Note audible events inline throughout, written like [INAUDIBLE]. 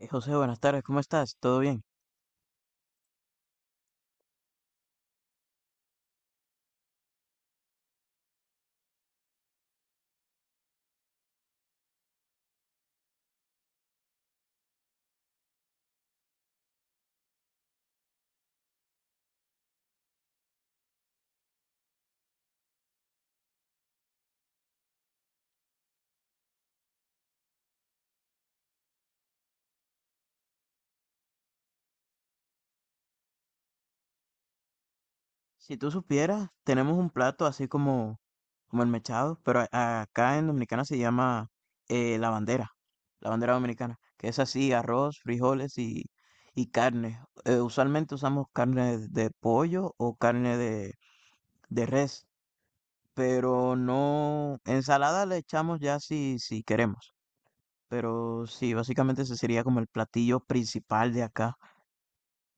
José, buenas tardes, ¿cómo estás? ¿Todo bien? Si tú supieras, tenemos un plato así como el mechado, pero acá en Dominicana se llama eh, la bandera, la bandera dominicana, que es así, arroz, frijoles y carne. Usualmente usamos carne de pollo o carne de res, pero no, ensalada le echamos ya si, si queremos, pero sí, básicamente ese sería como el platillo principal de acá.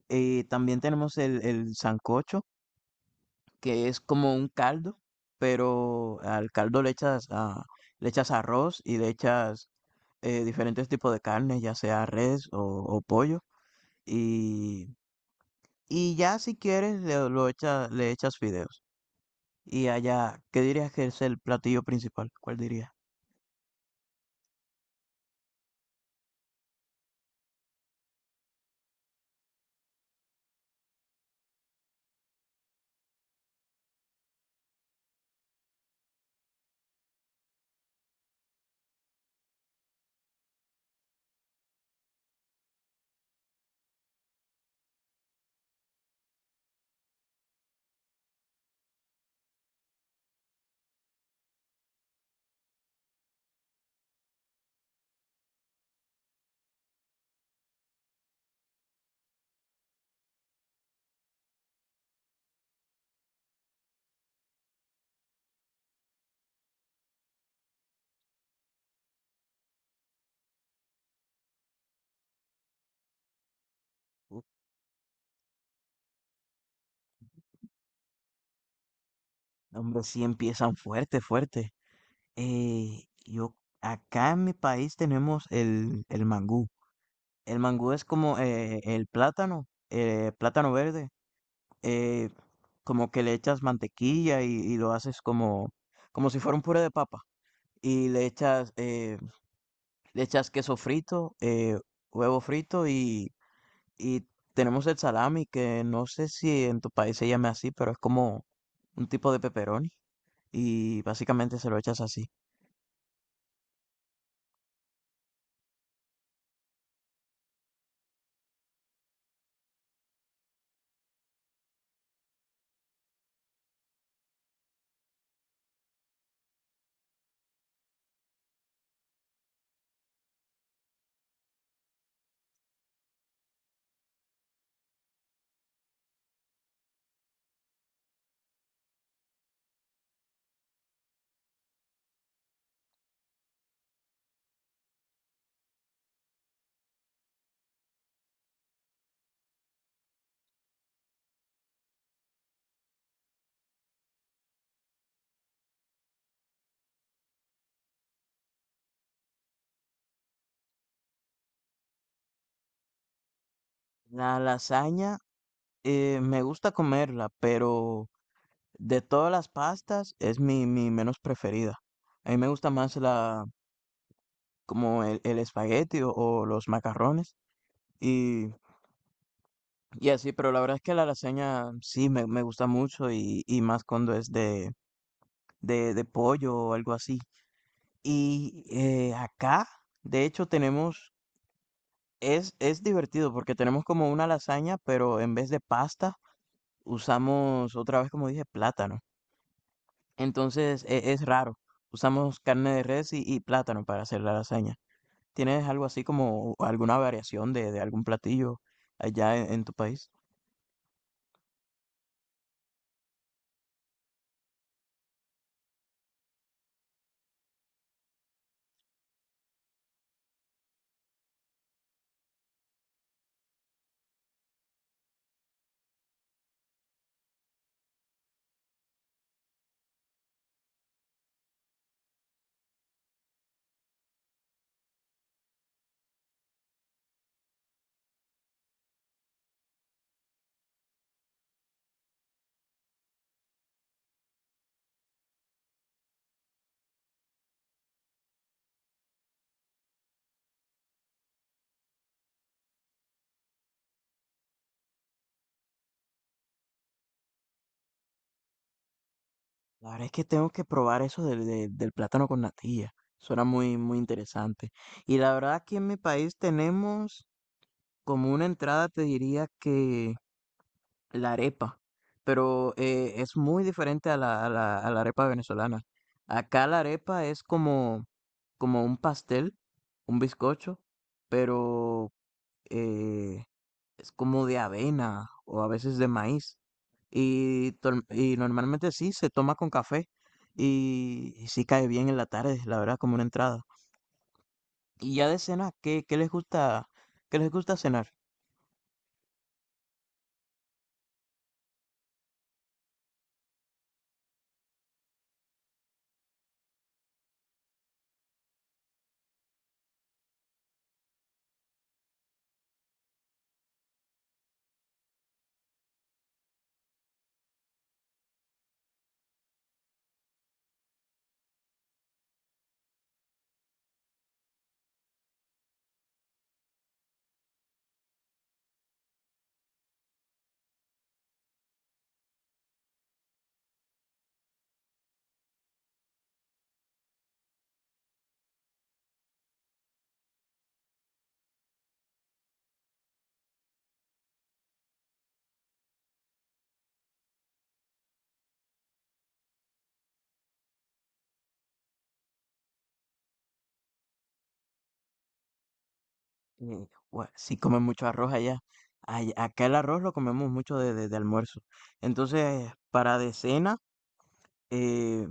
También tenemos el sancocho que es como un caldo, pero al caldo le echas, le echas arroz y le echas diferentes tipos de carne, ya sea res o pollo. Y, y ya si quieres, le echas fideos. Y allá, ¿qué dirías que es el platillo principal? ¿Cuál dirías? Uf. Hombre, sí empiezan fuerte, fuerte. Eh, yo, Acá en mi país tenemos el mangú. El mangú es como el plátano, plátano verde, eh, como que le echas mantequilla y lo haces como si fuera un puré de papa. Y le echas queso frito, huevo frito y tenemos el salami, que no sé si en tu país se llame así, pero es como un tipo de pepperoni y básicamente se lo echas así. La lasaña. Me gusta comerla, pero de todas las pastas es mi menos preferida. A mí me gusta más como el espagueti o los macarrones y, y así, pero la verdad es que la lasaña sí me gusta mucho y más cuando es de pollo o algo así. Y acá, de hecho, tenemos, es divertido porque tenemos como una lasaña, pero en vez de pasta usamos otra vez, como dije, plátano. Entonces es raro. Usamos carne de res y plátano para hacer la lasaña. ¿Tienes algo así como alguna variación de algún platillo allá en tu país? La verdad es que tengo que probar eso del plátano con natilla. Suena muy, muy interesante. Y la verdad aquí en mi país tenemos como una entrada, te diría que la arepa, pero, es muy diferente a la arepa venezolana. Acá la arepa es como un pastel, un bizcocho, pero, eh, es como de avena o a veces de maíz, y tol y normalmente sí se toma con café, y sí cae bien en la tarde, la verdad, como una entrada. Y ya de cena, ¿qué les gusta cenar? Sí comen mucho arroz allá. Acá el arroz lo comemos mucho de almuerzo. Entonces, para eh,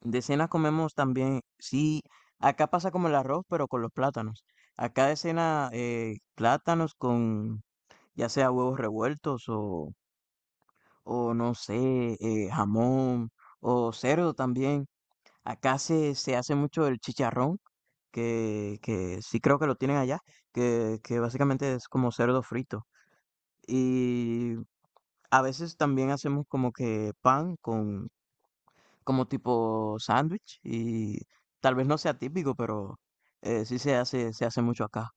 de cena comemos también, sí, acá pasa como el arroz, pero con los plátanos. Acá de cena, plátanos con ya sea huevos revueltos o no sé, jamón o cerdo también. Acá se hace mucho el chicharrón, que sí creo que lo tienen allá, que básicamente es como cerdo frito. Y a veces también hacemos como que pan con como tipo sándwich y tal vez no sea típico, pero sí se se hace mucho acá.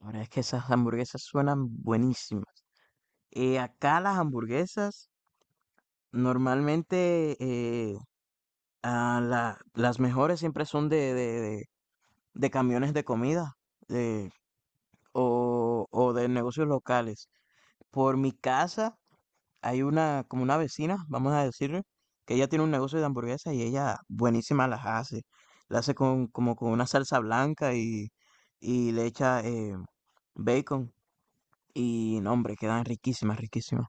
La verdad es que esas hamburguesas suenan buenísimas. Acá las hamburguesas normalmente las mejores siempre son de camiones de comida eh, o de negocios locales. Por mi casa hay una, como una vecina, vamos a decirle, que ella tiene un negocio de hamburguesas y ella buenísima las hace. La hace con, como con una salsa blanca y le echa bacon. Y no, hombre, quedan riquísimas, riquísimas.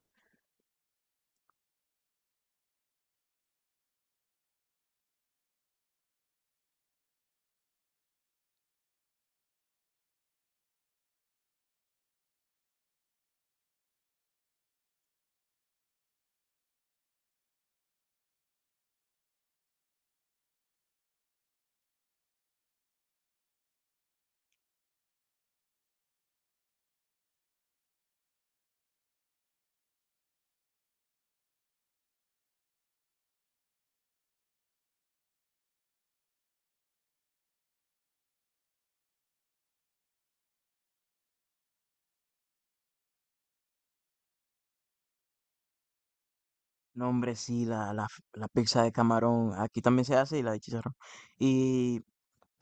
No, hombre, sí, la pizza de camarón, aquí también se hace y la de chicharrón. Y,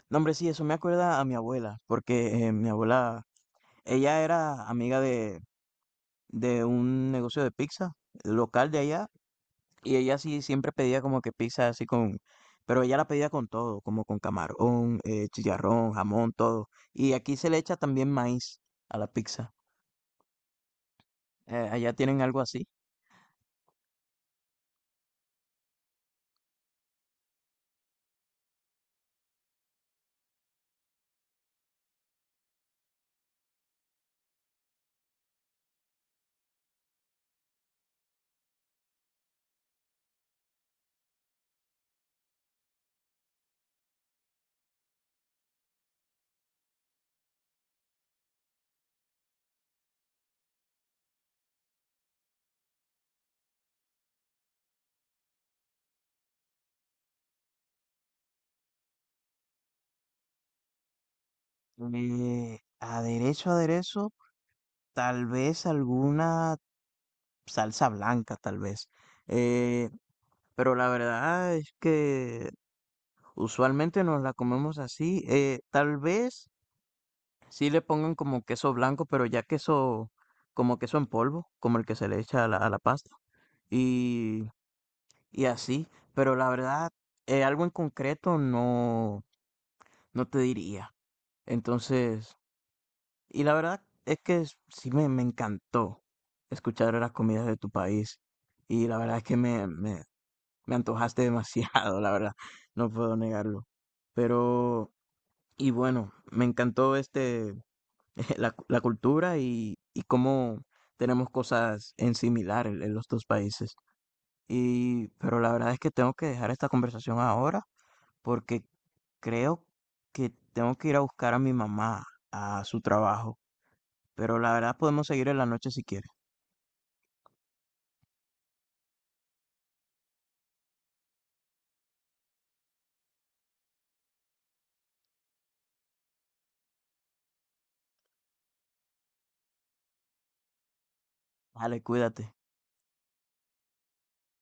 no, hombre, sí, eso me acuerda a mi abuela, porque mi abuela ella era amiga de un negocio de pizza local de allá y ella sí siempre pedía como que pizza así con, pero ella la pedía con todo, como con camarón, chicharrón, jamón, todo. Y aquí se le echa también maíz a la pizza. Allá tienen algo así. Aderezo, aderezo, tal vez alguna salsa blanca, tal vez. Eh, pero la verdad es que usualmente nos la comemos así. Tal vez sí le pongan como queso blanco, pero ya queso, como queso en polvo, como el que se le echa a a la pasta. Y, y así, pero la verdad, algo en concreto no te diría. Entonces, y la verdad es que sí me encantó escuchar las comidas de tu país. Y la verdad es que me antojaste demasiado, [LAUGHS] la verdad, no puedo negarlo. Pero, y bueno, me encantó este [LAUGHS] la cultura y cómo tenemos cosas en similar en los dos países. Y, pero la verdad es que tengo que dejar esta conversación ahora porque creo que tengo que ir a buscar a mi mamá a su trabajo. Pero la verdad podemos seguir en la noche si quieres. Vale, cuídate.